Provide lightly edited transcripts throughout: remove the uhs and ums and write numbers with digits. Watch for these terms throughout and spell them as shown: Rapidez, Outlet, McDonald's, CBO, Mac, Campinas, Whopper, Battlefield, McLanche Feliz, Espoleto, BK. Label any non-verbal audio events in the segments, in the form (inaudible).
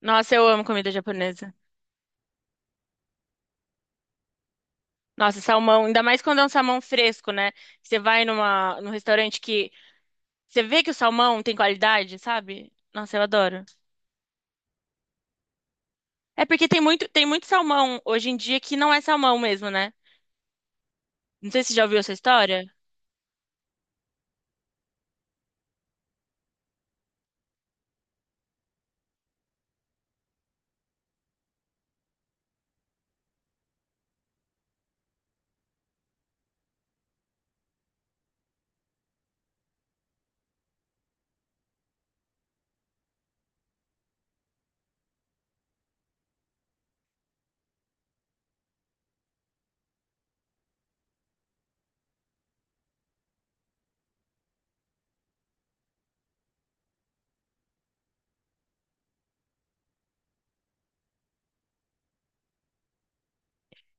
Nossa, eu amo comida japonesa. Nossa, salmão, ainda mais quando é um salmão fresco, né? Você vai numa, num restaurante que você vê que o salmão tem qualidade, sabe? Nossa, eu adoro. É porque tem muito salmão hoje em dia que não é salmão mesmo, né? Não sei se você já ouviu essa história.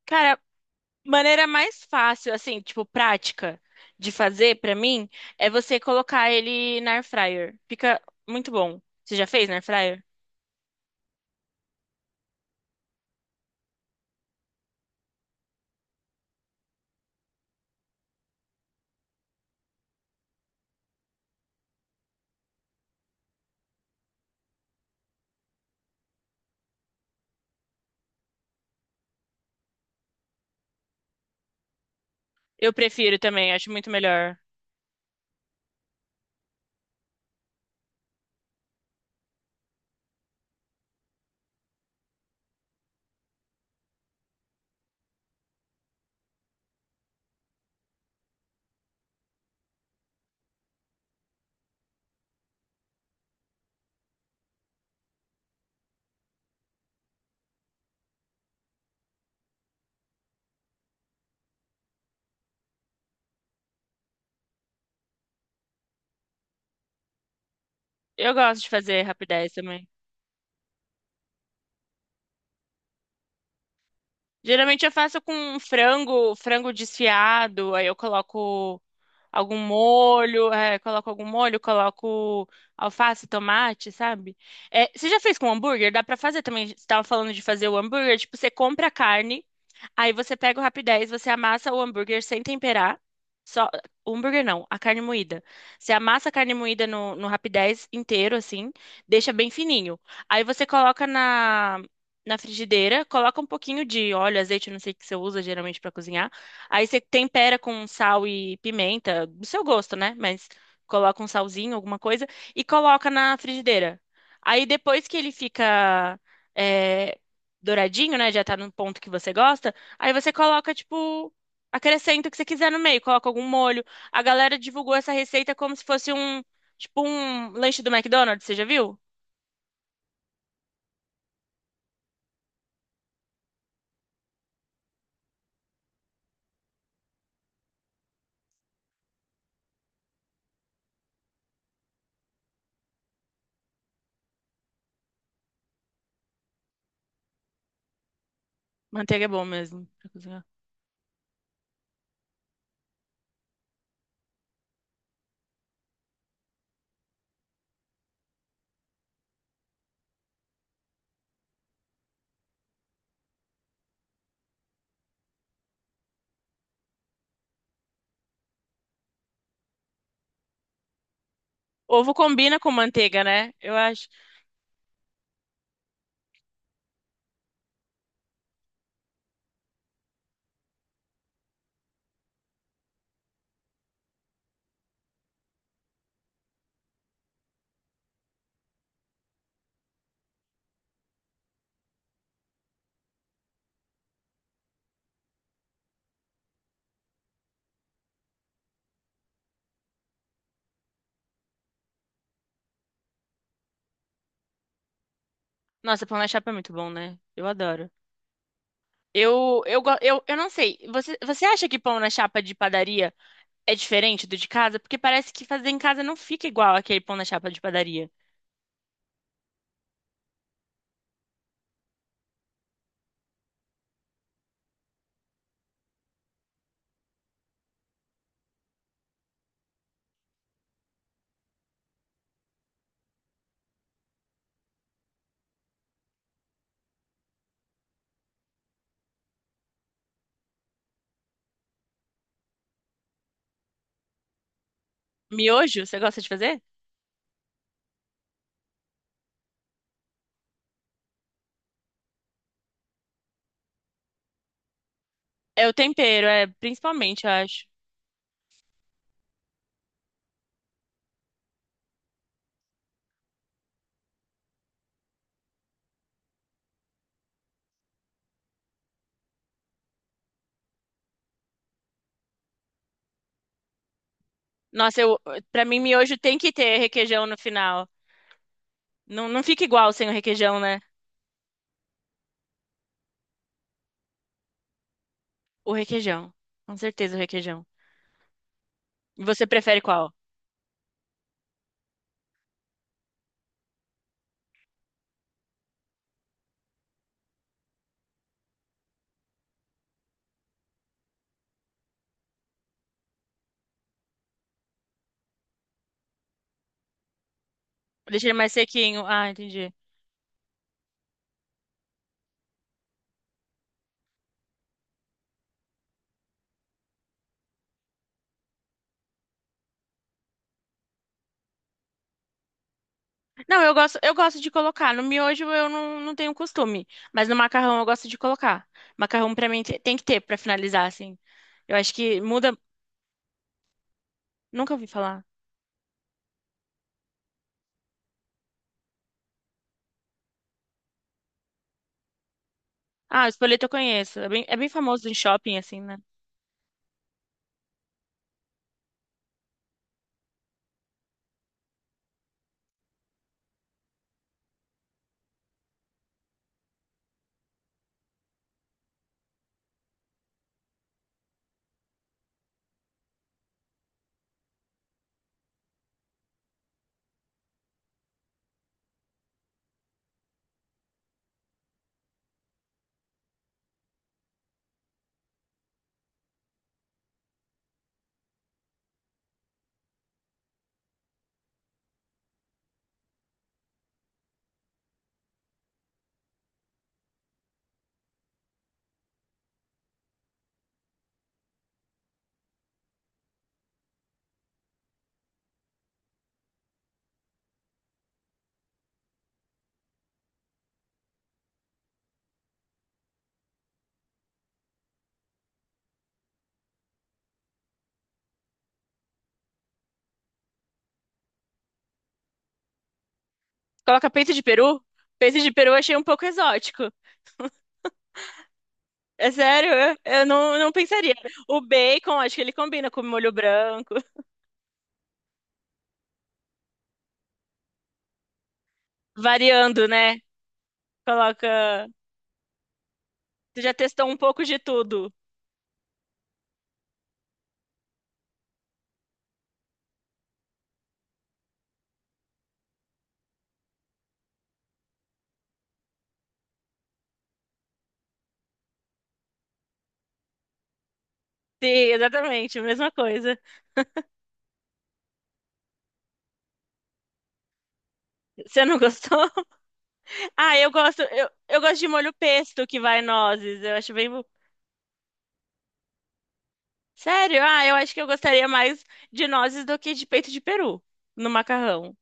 Cara, maneira mais fácil, assim, tipo, prática de fazer pra mim é você colocar ele na air fryer. Fica muito bom. Você já fez na air fryer? Eu prefiro também, acho muito melhor. Eu gosto de fazer rapidez também. Geralmente eu faço com um frango, frango desfiado, aí eu coloco algum molho, coloco algum molho, coloco alface, tomate, sabe? É, você já fez com hambúrguer? Dá pra fazer também. Você tava falando de fazer o hambúrguer, tipo, você compra a carne. Aí você pega o Rapidez, você amassa o hambúrguer sem temperar. Só, o hambúrguer não, a carne moída. Você amassa a carne moída no Rapidez inteiro, assim, deixa bem fininho. Aí você coloca na frigideira, coloca um pouquinho de óleo, azeite, não sei o que você usa geralmente pra cozinhar. Aí você tempera com sal e pimenta, do seu gosto, né? Mas coloca um salzinho, alguma coisa, e coloca na frigideira. Aí depois que ele fica é, douradinho, né? Já tá no ponto que você gosta. Aí você coloca, tipo, acrescenta o que você quiser no meio, coloca algum molho. A galera divulgou essa receita como se fosse um, tipo, um lanche do McDonald's, você já viu? Manteiga é bom mesmo pra cozinhar. Ovo combina com manteiga, né? Eu acho. Nossa, pão na chapa é muito bom, né? Eu adoro. Eu não sei. Você acha que pão na chapa de padaria é diferente do de casa? Porque parece que fazer em casa não fica igual aquele pão na chapa de padaria. Miojo, você gosta de fazer? É o tempero, é principalmente, eu acho. Nossa, pra mim, miojo tem que ter requeijão no final. Não, não fica igual sem o requeijão, né? O requeijão. Com certeza o requeijão. E você prefere qual? Deixa ele mais sequinho. Ah, entendi. Não, eu gosto de colocar. No miojo eu não, não tenho costume. Mas no macarrão eu gosto de colocar. Macarrão pra mim tem que ter pra finalizar, assim. Eu acho que muda. Nunca ouvi falar. Ah, o espoleto eu conheço. É bem famoso em shopping, assim, né? Coloca peito de peru? Peito de peru eu achei um pouco exótico. É sério, eu não, não pensaria. O bacon, acho que ele combina com molho branco, (laughs) variando, né? Coloca. Você já testou um pouco de tudo. Sim, exatamente, a mesma coisa. Você não gostou? (laughs) Ah, eu gosto, eu gosto de molho pesto que vai nozes. Eu acho bem. Sério? Ah, eu acho que eu gostaria mais de nozes do que de peito de peru no macarrão.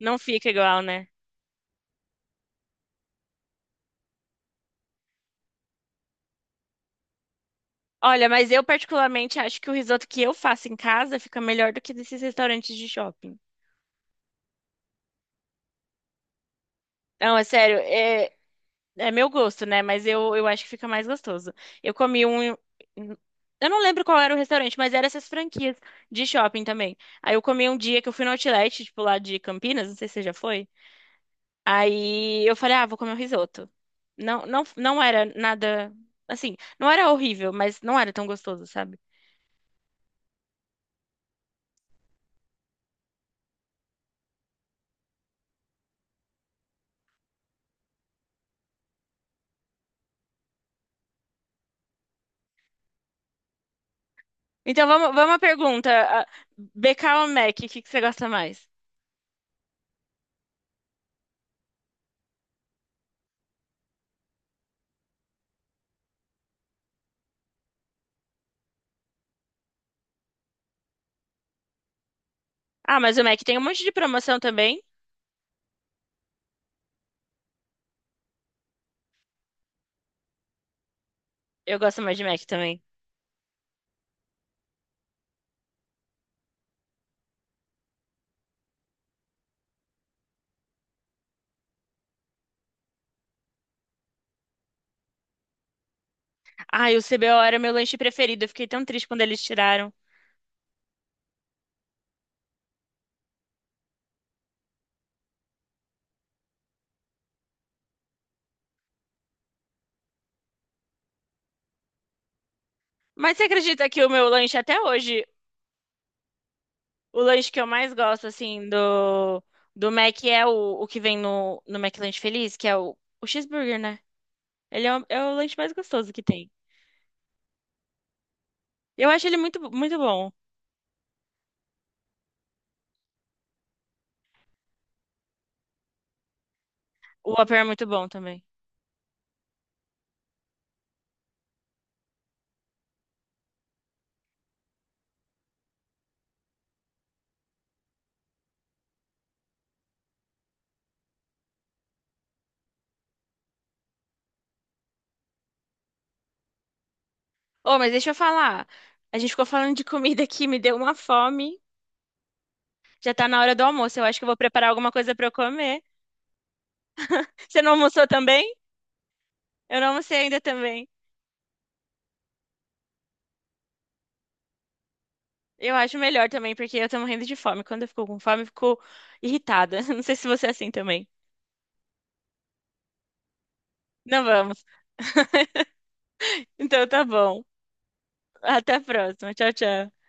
Não fica igual, né? Olha, mas eu particularmente acho que o risoto que eu faço em casa fica melhor do que desses restaurantes de shopping. Não, é sério, é meu gosto, né? Mas eu acho que fica mais gostoso. Eu comi um. Eu não lembro qual era o restaurante, mas era essas franquias de shopping também. Aí eu comi um dia que eu fui no Outlet, tipo lá de Campinas, não sei se você já foi. Aí eu falei, ah, vou comer um risoto. Não era nada. Assim, não era horrível, mas não era tão gostoso, sabe? Então vamos, vamos à pergunta. ah, BK ou Mac, o que que você gosta mais? Ah, mas o Mac tem um monte de promoção também. Eu gosto mais de Mac também. Ai, o CBO era meu lanche preferido. Eu fiquei tão triste quando eles tiraram. Mas você acredita que o meu lanche até hoje, o lanche que eu mais gosto, assim, do, do Mac é o que vem no, no McLanche Feliz, que é o cheeseburger, né? Ele é o, é o lanche mais gostoso que tem. Eu acho ele muito, muito bom. O Whopper é muito bom também. Ô, mas deixa eu falar. A gente ficou falando de comida aqui, me deu uma fome. Já tá na hora do almoço. Eu acho que eu vou preparar alguma coisa pra eu comer. Você não almoçou também? Eu não almocei ainda também. Eu acho melhor também, porque eu tô morrendo de fome. Quando eu fico com fome, eu fico irritada. (laughs) Não sei se você é assim também. Não vamos. Então tá bom. Até a próxima. Tchau, tchau.